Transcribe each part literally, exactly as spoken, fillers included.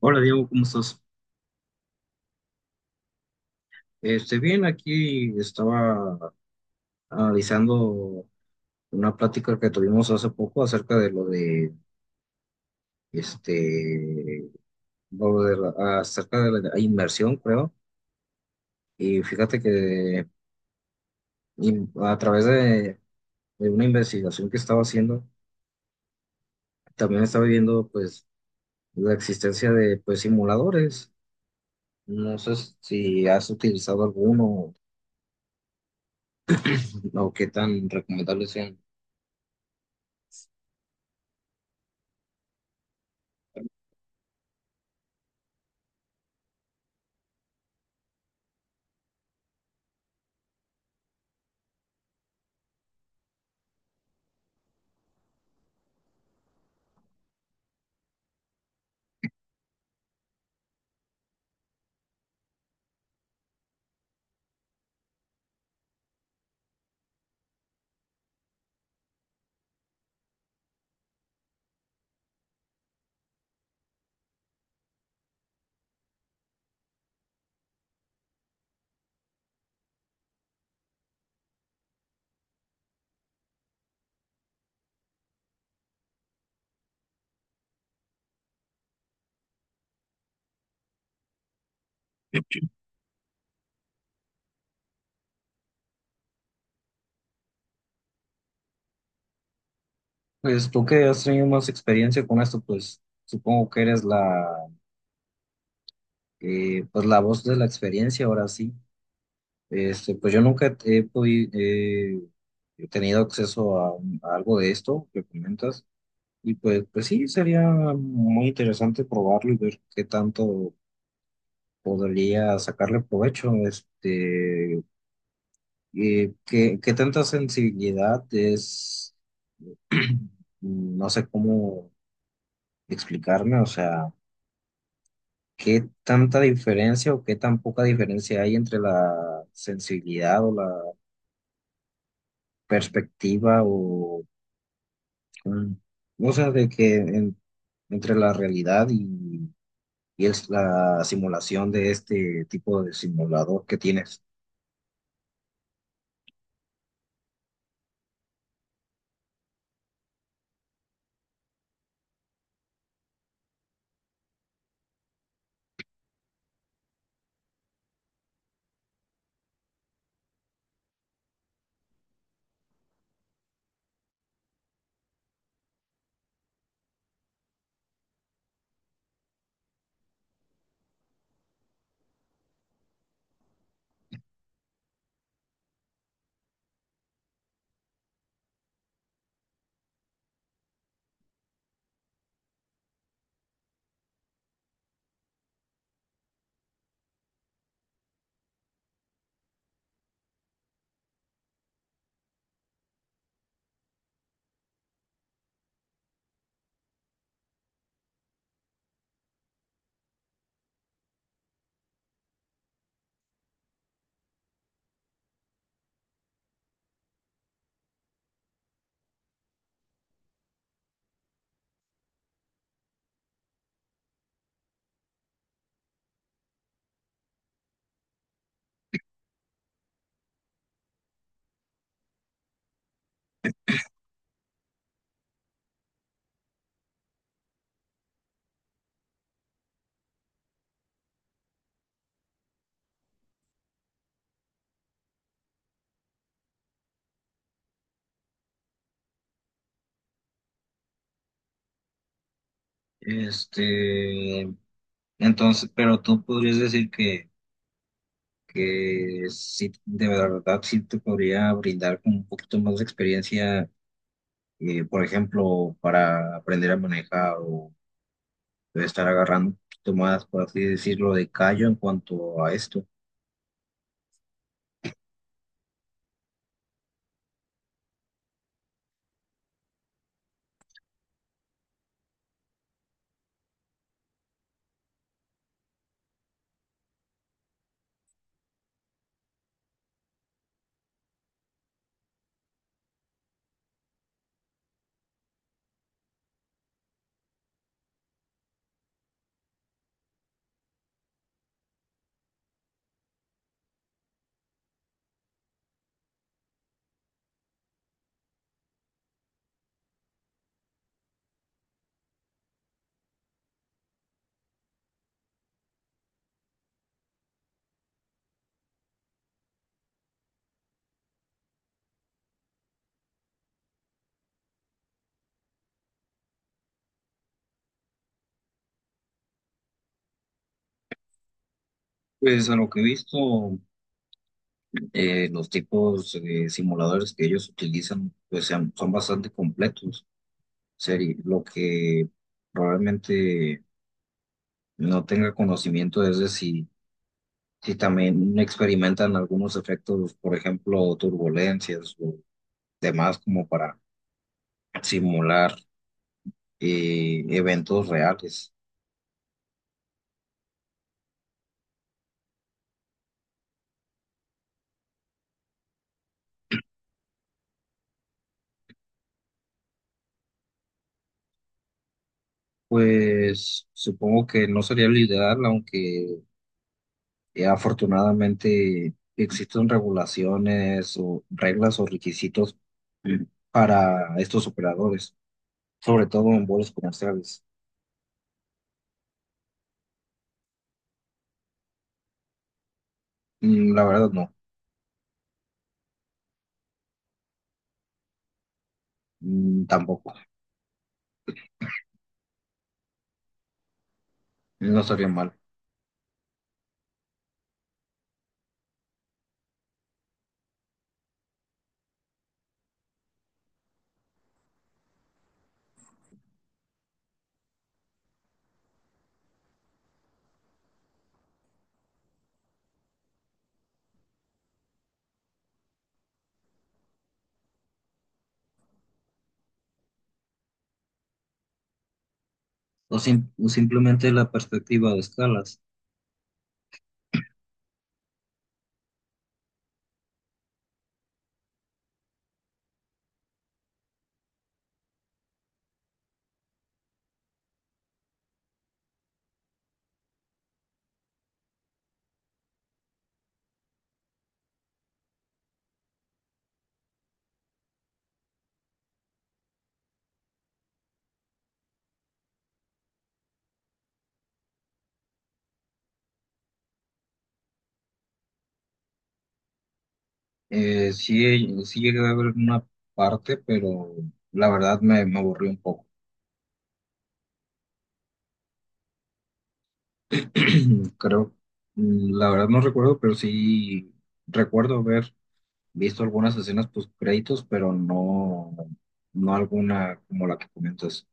Hola Diego, ¿cómo estás? Este, bien, aquí estaba analizando una plática que tuvimos hace poco acerca de lo de, este, lo de la- acerca de la inversión, creo. Y fíjate que in- a través de, de una investigación que estaba haciendo, también estaba viendo, pues, la existencia de, pues, simuladores. No sé si has utilizado alguno o qué tan recomendables sean. Pues tú que has tenido más experiencia con esto, pues supongo que eres la, eh, pues, la voz de la experiencia ahora sí. Este, pues yo nunca he, podido eh, he tenido acceso a, a algo de esto que comentas y pues, pues sí, sería muy interesante probarlo y ver qué tanto podría sacarle provecho. Este, eh, qué, ¿qué tanta sensibilidad es, no sé cómo explicarme, o sea? ¿Qué tanta diferencia o qué tan poca diferencia hay entre la sensibilidad o la perspectiva o mm, o sea, de que en- entre la realidad y, y es la simulación de este tipo de simulador que tienes? Este, entonces, pero tú podrías decir que, que sí, de verdad sí te podría brindar como un poquito más de experiencia, eh, por ejemplo, para aprender a manejar. Debe estar agarrando un poquito más, por así decirlo, de callo en cuanto a esto. Pues a lo que he visto, eh, los tipos de simuladores que ellos utilizan, pues sean- son bastante completos. Seri, lo que probablemente no tenga conocimiento es de si, si también experimentan algunos efectos, por ejemplo, turbulencias o demás, como para simular eh, eventos reales. Pues supongo que no sería lo ideal, aunque, Eh, afortunadamente, existen regulaciones o reglas o requisitos mm, para estos operadores, sobre todo en vuelos comerciales. Mm, la verdad no. Mm, tampoco, no estaría mal. O sim- o simplemente la perspectiva de escalas. Eh, sí, he- sí llegué a ver una parte, pero la verdad me, me aburrí un poco. Creo, mm, la verdad no recuerdo, pero sí recuerdo ver. Visto algunas escenas post créditos, pero no, no alguna como la que comentas.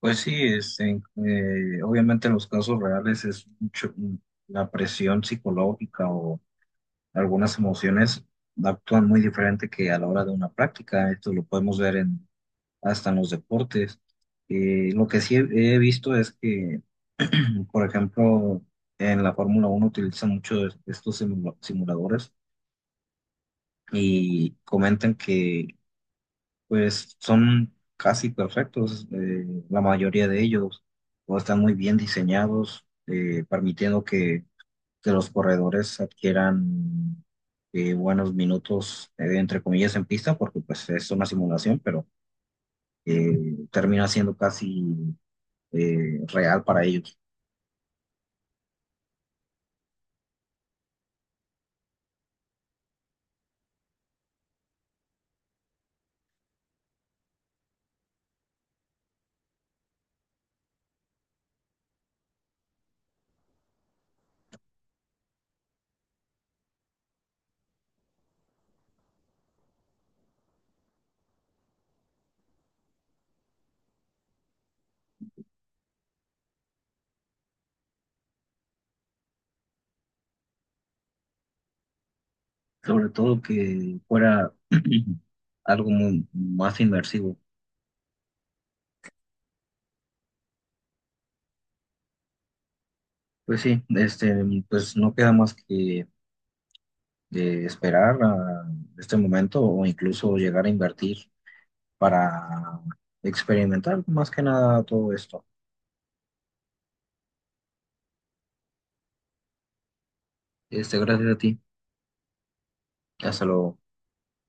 Pues sí, es en- eh, obviamente en los casos reales es mucho- la presión psicológica o algunas emociones actúan muy diferente que a la hora de una práctica. Esto lo podemos ver en, hasta en los deportes. Eh, lo que sí he, he visto es que, por ejemplo, en la Fórmula uno utilizan mucho estos simula- simuladores y comentan que pues son casi perfectos, eh, la mayoría de ellos, o están muy bien diseñados, eh, permitiendo que, que los corredores adquieran eh, buenos minutos, eh, entre comillas, en pista, porque pues es una simulación, pero eh, termina siendo casi eh, real para ellos. Sobre todo que fuera algo muy- más inmersivo. Pues sí, este, pues no queda más que de esperar a este momento o incluso llegar a invertir para experimentar más que nada todo esto. Este, gracias a ti. Hasta luego.